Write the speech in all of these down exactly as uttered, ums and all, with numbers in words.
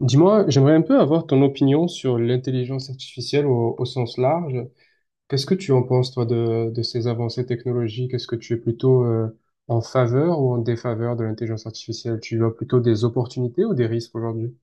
Dis-moi, j'aimerais un peu avoir ton opinion sur l'intelligence artificielle au, au sens large. Qu'est-ce que tu en penses, toi, de, de ces avancées technologiques? Est-ce que tu es plutôt euh, en faveur ou en défaveur de l'intelligence artificielle? Tu vois plutôt des opportunités ou des risques aujourd'hui?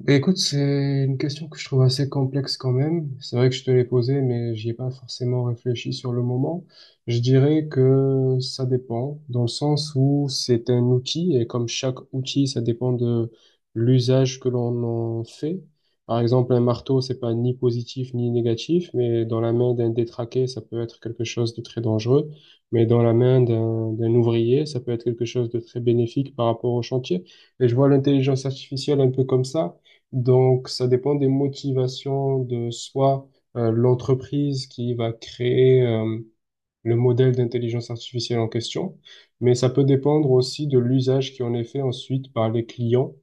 Ben, Écoute, c'est une question que je trouve assez complexe quand même. C'est vrai que je te l'ai posée, mais j'y ai pas forcément réfléchi sur le moment. Je dirais que ça dépend, dans le sens où c'est un outil, et comme chaque outil, ça dépend de l'usage que l'on en fait. Par exemple, un marteau, c'est pas ni positif ni négatif, mais dans la main d'un détraqué, ça peut être quelque chose de très dangereux. Mais dans la main d'un d'un ouvrier, ça peut être quelque chose de très bénéfique par rapport au chantier. Et je vois l'intelligence artificielle un peu comme ça. Donc, ça dépend des motivations de soit euh, l'entreprise qui va créer euh, le modèle d'intelligence artificielle en question, mais ça peut dépendre aussi de l'usage qui en est fait ensuite par les clients,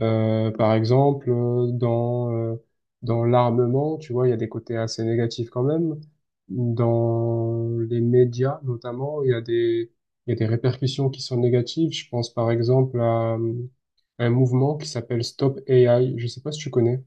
euh, par exemple, euh, dans, euh, dans l'armement, tu vois, il y a des côtés assez négatifs quand même. Dans les médias, notamment, il y a des, il y a des répercussions qui sont négatives. Je pense par exemple à euh, un mouvement qui s'appelle Stop A I. Je sais pas si tu connais.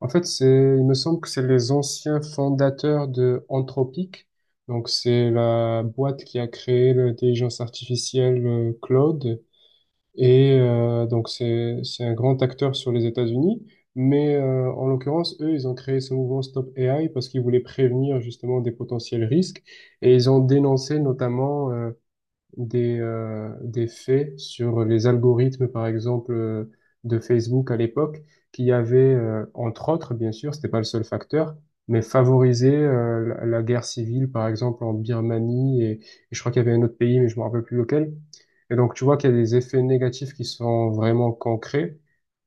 En fait, c'est, il me semble que c'est les anciens fondateurs de Anthropic. Donc, c'est la boîte qui a créé l'intelligence artificielle euh, Claude. Et euh, donc, c'est, c'est un grand acteur sur les États-Unis. Mais euh, en l'occurrence, eux, ils ont créé ce mouvement Stop A I parce qu'ils voulaient prévenir justement des potentiels risques. Et ils ont dénoncé notamment euh, des, euh, des faits sur les algorithmes, par exemple, euh, de Facebook à l'époque, qui avaient, euh, entre autres, bien sûr, c'était pas le seul facteur, mais favorisé euh, la, la guerre civile, par exemple, en Birmanie, et, et je crois qu'il y avait un autre pays, mais je me rappelle plus lequel. Et donc, tu vois qu'il y a des effets négatifs qui sont vraiment concrets.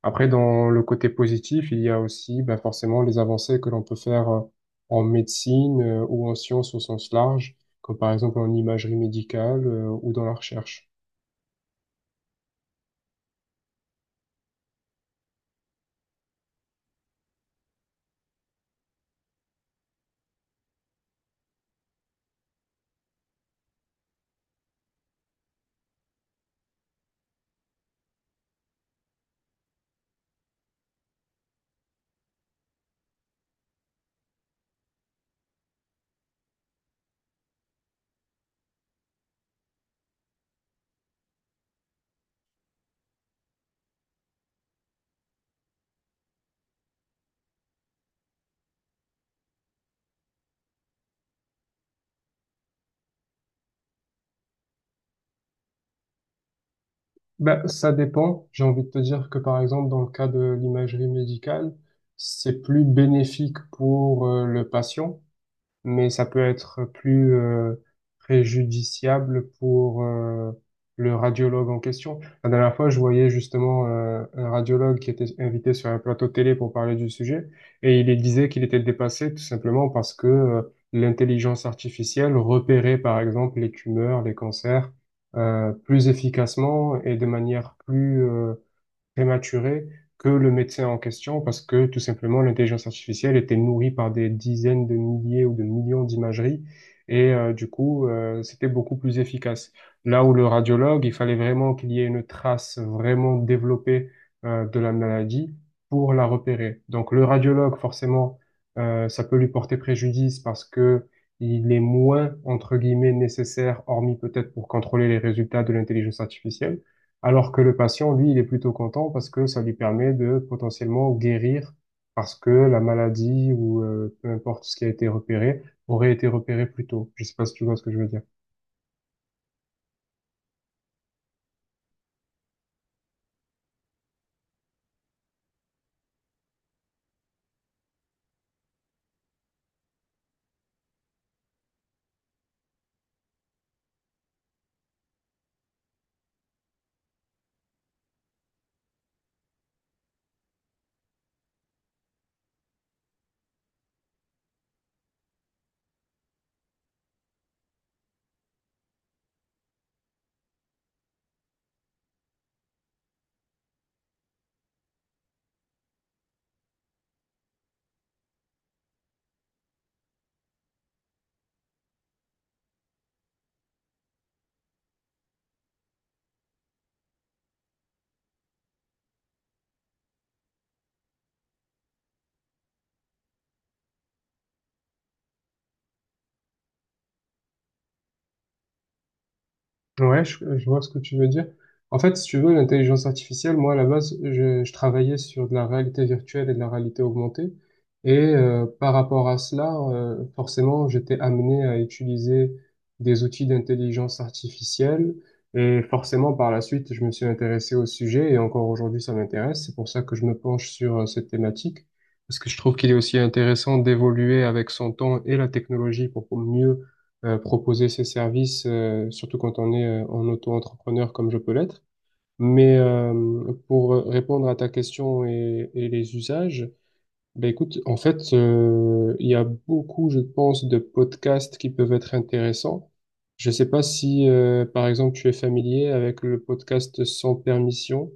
Après, dans le côté positif, il y a aussi bah forcément les avancées que l'on peut faire euh, en médecine, euh, ou en sciences au sens large, comme par exemple en imagerie médicale, euh, ou dans la recherche. Ben, ça dépend. J'ai envie de te dire que par exemple dans le cas de l'imagerie médicale, c'est plus bénéfique pour euh, le patient, mais ça peut être plus euh, préjudiciable pour euh, le radiologue en question. La dernière fois, je voyais justement euh, un radiologue qui était invité sur un plateau télé pour parler du sujet, et il disait qu'il était dépassé tout simplement parce que euh, l'intelligence artificielle repérait par exemple les tumeurs, les cancers euh, plus efficacement et de manière plus euh, prématurée que le médecin en question parce que tout simplement l'intelligence artificielle était nourrie par des dizaines de milliers ou de millions d'imageries, et euh, du coup euh, c'était beaucoup plus efficace. Là où le radiologue, il fallait vraiment qu'il y ait une trace vraiment développée euh, de la maladie pour la repérer. Donc le radiologue, forcément, euh, ça peut lui porter préjudice parce que il est moins, entre guillemets, nécessaire, hormis peut-être pour contrôler les résultats de l'intelligence artificielle. Alors que le patient, lui, il est plutôt content parce que ça lui permet de potentiellement guérir, parce que la maladie, ou euh, peu importe ce qui a été repéré, aurait été repéré plus tôt. Je sais pas si tu vois ce que je veux dire. Ouais, je, je vois ce que tu veux dire. En fait, si tu veux, l'intelligence artificielle, moi, à la base, je, je travaillais sur de la réalité virtuelle et de la réalité augmentée. Et euh, par rapport à cela, euh, forcément, j'étais amené à utiliser des outils d'intelligence artificielle. Et forcément, par la suite, je me suis intéressé au sujet et encore aujourd'hui, ça m'intéresse. C'est pour ça que je me penche sur euh, cette thématique, parce que je trouve qu'il est aussi intéressant d'évoluer avec son temps et la technologie pour mieux euh, proposer ses services, euh, surtout quand on est euh, en auto-entrepreneur comme je peux l'être. Mais euh, pour répondre à ta question et, et les usages, ben écoute, en fait, euh, il y a beaucoup, je pense, de podcasts qui peuvent être intéressants. Je sais pas si, euh, par exemple, tu es familier avec le podcast Sans permission.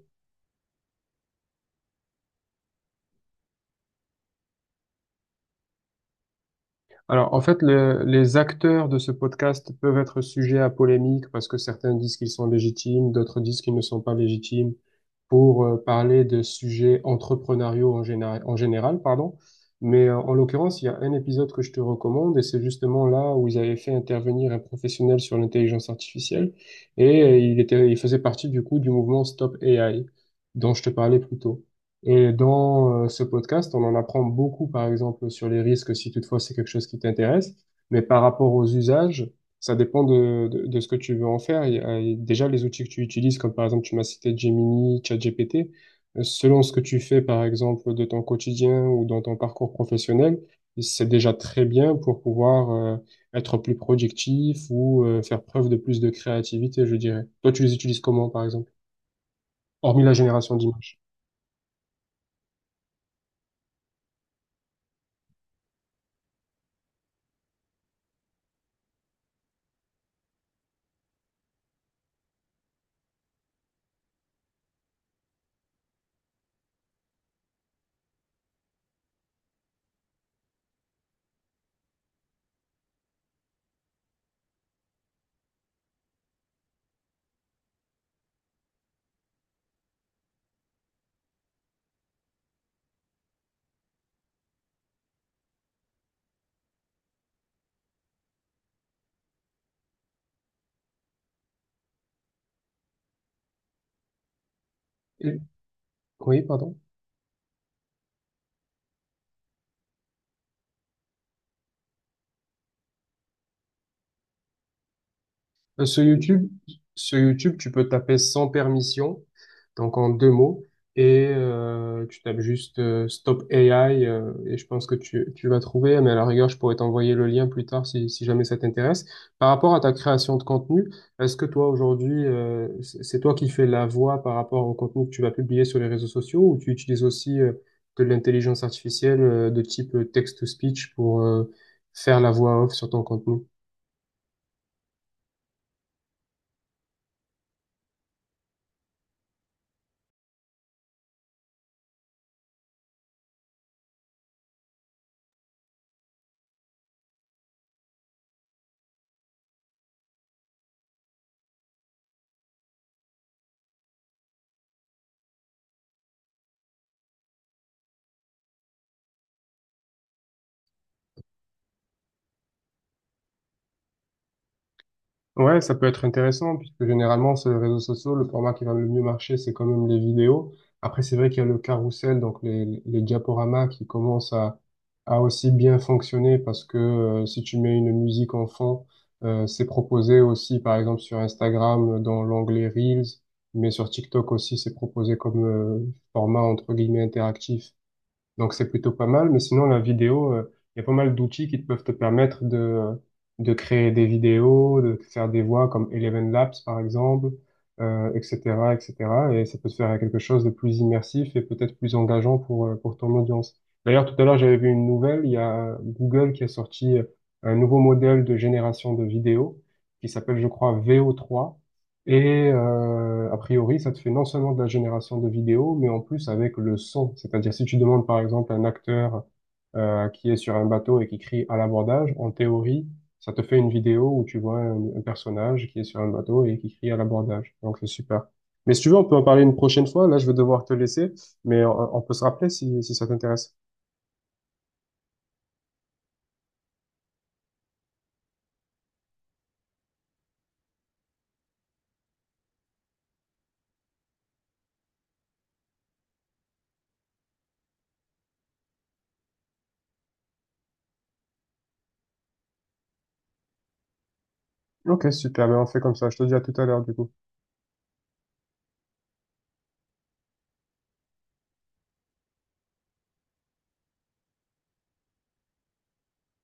Alors, en fait, le- les acteurs de ce podcast peuvent être sujets à polémique parce que certains disent qu'ils sont légitimes, d'autres disent qu'ils ne sont pas légitimes pour euh, parler de sujets entrepreneuriaux en général, en général, pardon. Mais euh, en l'occurrence, il y a un épisode que je te recommande et c'est justement là où ils avaient fait intervenir un professionnel sur l'intelligence artificielle, et euh, il était, il faisait partie du coup du mouvement Stop A I dont je te parlais plus tôt. Et dans euh, ce podcast, on en apprend beaucoup, par exemple, sur les risques, si toutefois c'est quelque chose qui t'intéresse. Mais par rapport aux usages, ça dépend de, de, de ce que tu veux en faire. Il y a- il y a déjà les outils que tu utilises, comme par exemple, tu m'as cité Gemini, ChatGPT. Euh, selon ce que tu fais, par exemple, de ton quotidien ou dans ton parcours professionnel, c'est déjà très bien pour pouvoir euh, être plus productif ou euh, faire preuve de plus de créativité, je dirais. Toi, tu les utilises comment, par exemple? Hormis la génération d'images. Et- Oui, pardon. Euh, Sur YouTube, sur YouTube, tu peux taper sans permission, donc en deux mots, et euh, tu tapes juste euh, Stop A I, euh, et je pense que tu, tu vas trouver, mais à la rigueur, je pourrais t'envoyer le lien plus tard si, si jamais ça t'intéresse. Par rapport à ta création de contenu, est-ce que toi aujourd'hui, euh, c'est c'est toi qui fais la voix par rapport au contenu que tu vas publier sur les réseaux sociaux, ou tu utilises aussi euh, de l'intelligence artificielle euh, de type euh, text-to-speech pour euh, faire la voix off sur ton contenu? Ouais, ça peut être intéressant, puisque généralement, sur les réseaux sociaux, le format qui va le mieux marcher, c'est quand même les vidéos. Après, c'est vrai qu'il y a le carrousel, donc les, les diaporamas qui commencent à, à aussi bien fonctionner, parce que euh, si tu mets une musique en fond, euh, c'est proposé aussi, par exemple, sur Instagram, dans l'onglet Reels, mais sur TikTok aussi, c'est proposé comme euh, format, entre guillemets, interactif. Donc c'est plutôt pas mal, mais sinon la vidéo, euh, il y a pas mal d'outils qui te peuvent te permettre de, euh, de créer des vidéos, de faire des voix comme Eleven Labs par exemple, euh, etcétéra, etcétéra. Et cetera. Et ça peut te faire quelque chose de plus immersif et peut-être plus engageant pour, euh, pour ton audience. D'ailleurs, tout à l'heure, j'avais vu une nouvelle, il y a Google qui a sorti euh, un nouveau modèle de génération de vidéos qui s'appelle, je crois, V O trois. Et euh, a priori, ça te fait non seulement de la génération de vidéos, mais en plus avec le son. C'est-à-dire si tu demandes par exemple un acteur euh, qui est sur un bateau et qui crie à l'abordage, en théorie, ça te fait une vidéo où tu vois un, un personnage qui est sur un bateau et qui crie à l'abordage. Donc c'est super. Mais si tu veux, on peut en parler une prochaine fois. Là, je vais devoir te laisser, mais on, on peut se rappeler si, si ça t'intéresse. Ok, super. Ben, on fait comme ça. Je te dis à tout à l'heure du coup.